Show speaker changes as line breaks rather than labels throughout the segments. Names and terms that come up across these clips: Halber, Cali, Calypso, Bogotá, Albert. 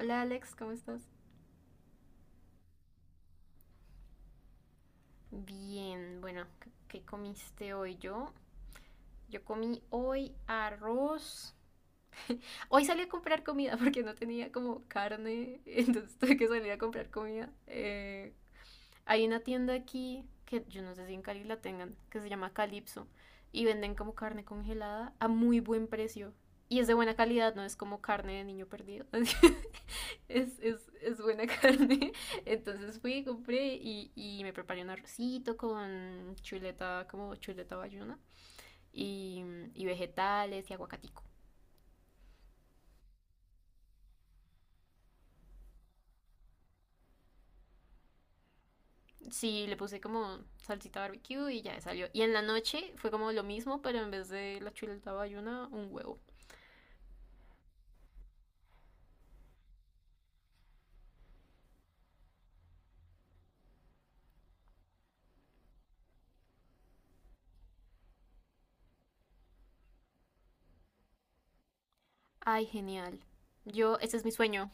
Hola Alex, ¿cómo estás? Bien, bueno, ¿qué comiste hoy yo? Yo comí hoy arroz. Hoy salí a comprar comida porque no tenía como carne, entonces tuve que salir a comprar comida. Hay una tienda aquí que yo no sé si en Cali la tengan, que se llama Calypso y venden como carne congelada a muy buen precio. Y es de buena calidad, no es como carne de niño perdido. Es buena carne. Entonces fui, compré y me preparé un arrocito con chuleta, como chuleta bayuna y, y vegetales y aguacatico. Sí, le puse como salsita barbecue y ya salió. Y en la noche fue como lo mismo, pero en vez de la chuleta bayuna, un huevo. Ay, genial. Yo, ese es mi sueño.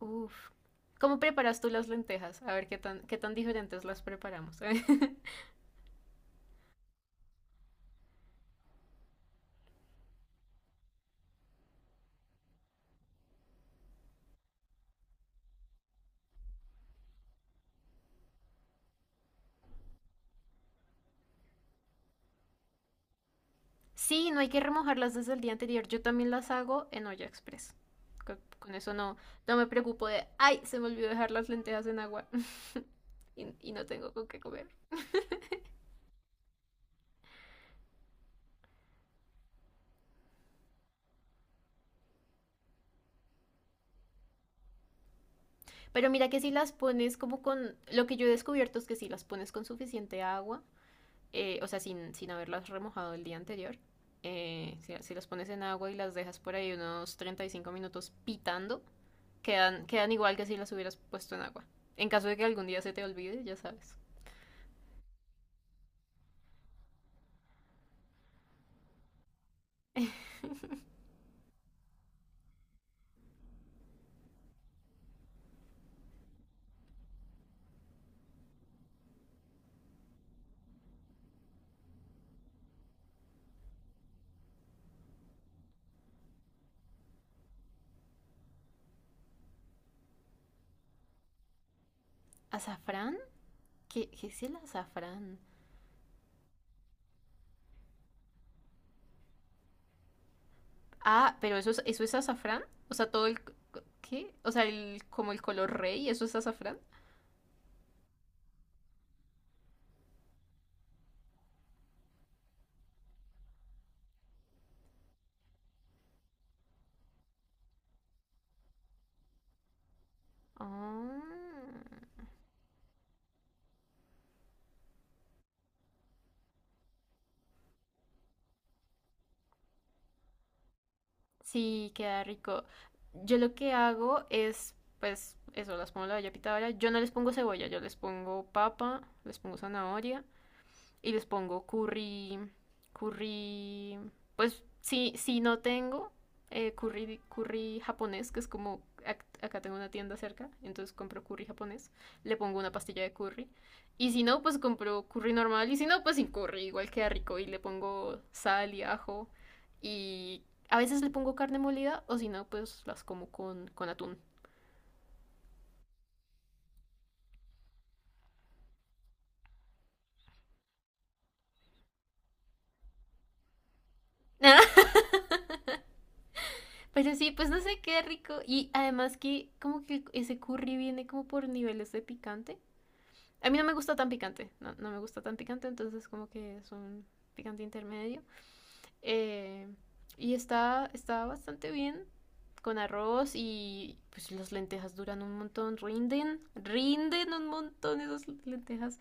Uf. ¿Cómo preparas tú las lentejas? A ver qué tan diferentes las preparamos. Sí, no hay que remojarlas desde el día anterior. Yo también las hago en olla express. Con, eso no, no me preocupo de, ay, se me olvidó dejar las lentejas en agua y no tengo con qué comer. Pero mira que si las pones como con, lo que yo he descubierto es que si las pones con suficiente agua, o sea, sin haberlas remojado el día anterior. Si las pones en agua y las dejas por ahí unos 35 minutos pitando, quedan igual que si las hubieras puesto en agua. En caso de que algún día se te olvide, ya sabes. ¿Azafrán? ¿Qué es el azafrán? Ah, pero eso es azafrán. O sea, todo el... ¿Qué? O sea, el, como el color rey, ¿eso es azafrán? Ah. Oh. Sí, queda rico. Yo lo que hago es, pues, eso, las pongo en la olla pitadora. Yo no les pongo cebolla, yo les pongo papa, les pongo zanahoria y les pongo curry, curry, pues si no tengo curry japonés, que es como acá tengo una tienda cerca, entonces compro curry japonés, le pongo una pastilla de curry. Y si no, pues compro curry normal. Y si no, pues sin curry, igual queda rico. Y le pongo sal y ajo. Y a veces le pongo carne molida. O si no, pues las como con atún. Pero sí, pues no sé, qué rico. Y además que como que ese curry viene como por niveles de picante. A mí no me gusta tan picante, no, no me gusta tan picante, entonces como que es un picante intermedio. Eh, y está bastante bien con arroz y pues las lentejas duran un montón, rinden un montón esas lentejas.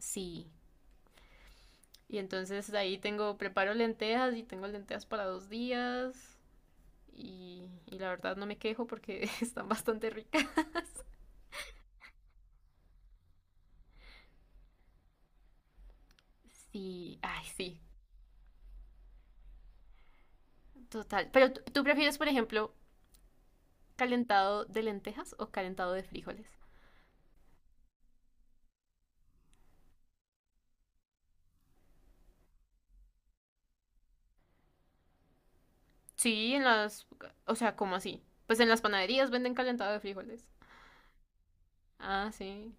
Sí, y entonces de ahí preparo lentejas y tengo lentejas para 2 días y la verdad no me quejo porque están bastante ricas. Sí, ay, sí, total. Pero tú prefieres, por ejemplo, ¿calentado de lentejas o calentado de frijoles? Sí, en las... O sea, ¿cómo así? Pues en las panaderías venden calentado de frijoles. Ah, sí.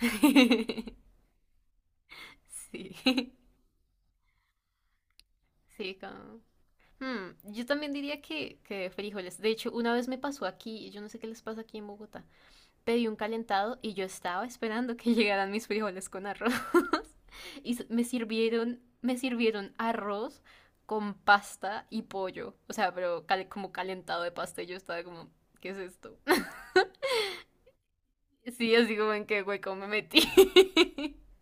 Sí. Sí, como... Hmm, yo también diría que de frijoles. De hecho, una vez me pasó aquí, yo no sé qué les pasa aquí en Bogotá. Pedí un calentado y yo estaba esperando que llegaran mis frijoles con arroz. Y me sirvieron arroz con pasta y pollo. O sea, pero cal- como calentado de pasta y yo estaba como, ¿qué es esto? Sí, así como en qué hueco me metí.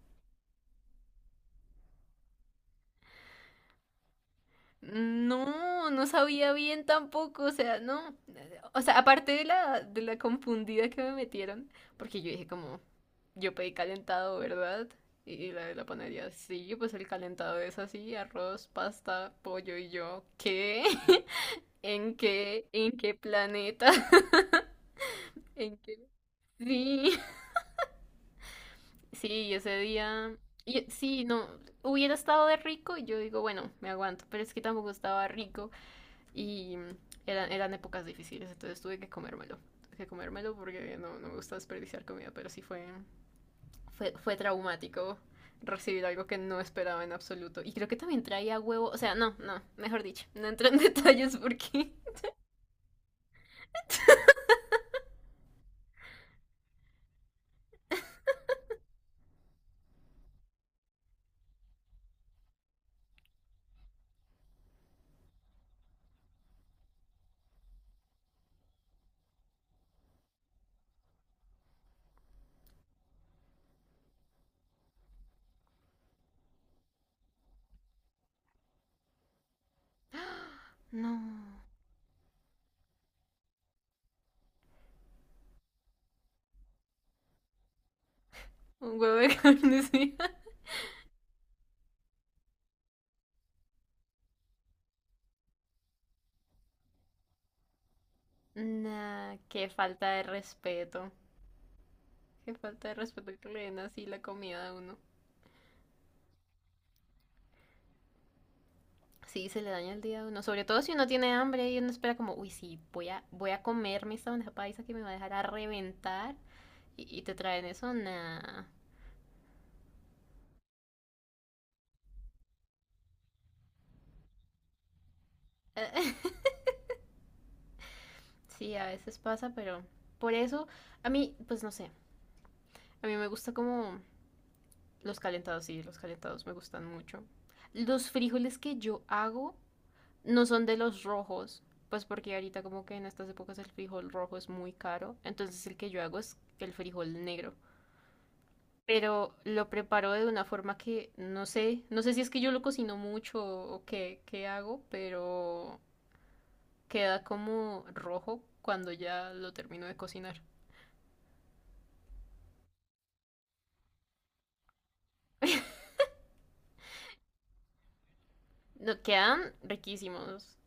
No, no sabía bien tampoco, o sea, no. O sea, aparte de la confundida que me metieron, porque yo dije como, yo pedí calentado, ¿verdad? Y la de la panadería, sí, pues el calentado es así, arroz, pasta, pollo y yo, ¿qué? ¿En qué? ¿En qué planeta? ¿En qué? Sí, sí, y ese día... sí, no, hubiera estado de rico y yo digo, bueno, me aguanto, pero es que tampoco estaba rico. Y eran épocas difíciles, entonces tuve que comérmelo. Tuve que comérmelo porque no, no me gusta desperdiciar comida, pero sí fue traumático recibir algo que no esperaba en absoluto. Y creo que también traía huevo, o sea, no, no, mejor dicho, no entro en detalles porque... No, un huevo de carne, sí. Nah, qué falta de respeto. Qué falta de respeto que le den así la comida a uno. Sí, se le daña el día a uno. Sobre todo si uno tiene hambre y uno espera como, uy, sí, voy a comerme esta bandeja paisa que me va a dejar a reventar. Y te traen eso, nah. Sí, a veces pasa, pero por eso, a mí, pues no sé. A mí me gusta como los calentados, sí, los calentados me gustan mucho. Los frijoles que yo hago no son de los rojos, pues porque ahorita como que en estas épocas el frijol rojo es muy caro. Entonces el que yo hago es el frijol negro. Pero lo preparo de una forma que no sé, no sé si es que yo lo cocino mucho o qué, qué hago, pero queda como rojo cuando ya lo termino de cocinar. No, quedan riquísimos.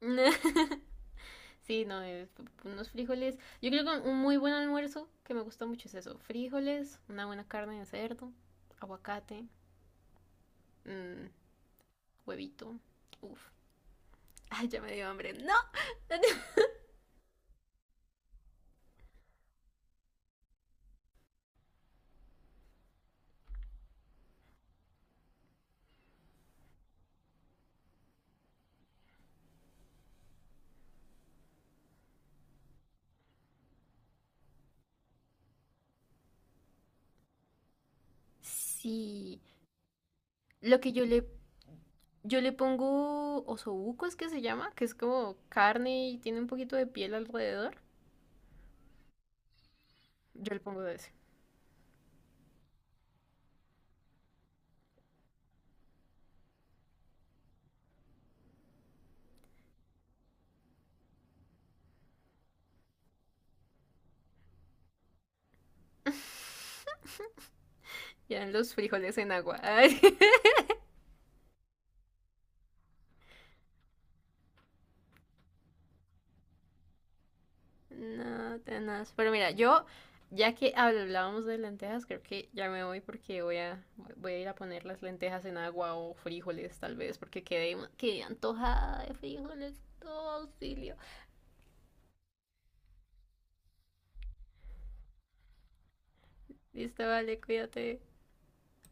Sí, no, es unos frijoles. Yo creo que un muy buen almuerzo que me gusta mucho es eso. Frijoles, una buena carne de cerdo, aguacate, mm, huevito. Uf, ay, ya me dio hambre. No. Sí, lo que yo le... Yo le pongo osobuco, es que se llama, que es como carne y tiene un poquito de piel alrededor. Yo le pongo de ese. Ya los frijoles en agua. Ay, no, tenaz. Pero mira, yo, ya que hablábamos de lentejas, creo que ya me voy porque voy a, voy a ir a poner las lentejas en agua o frijoles, tal vez, porque quedé antojada de frijoles. Oh, auxilio. Listo, vale, cuídate.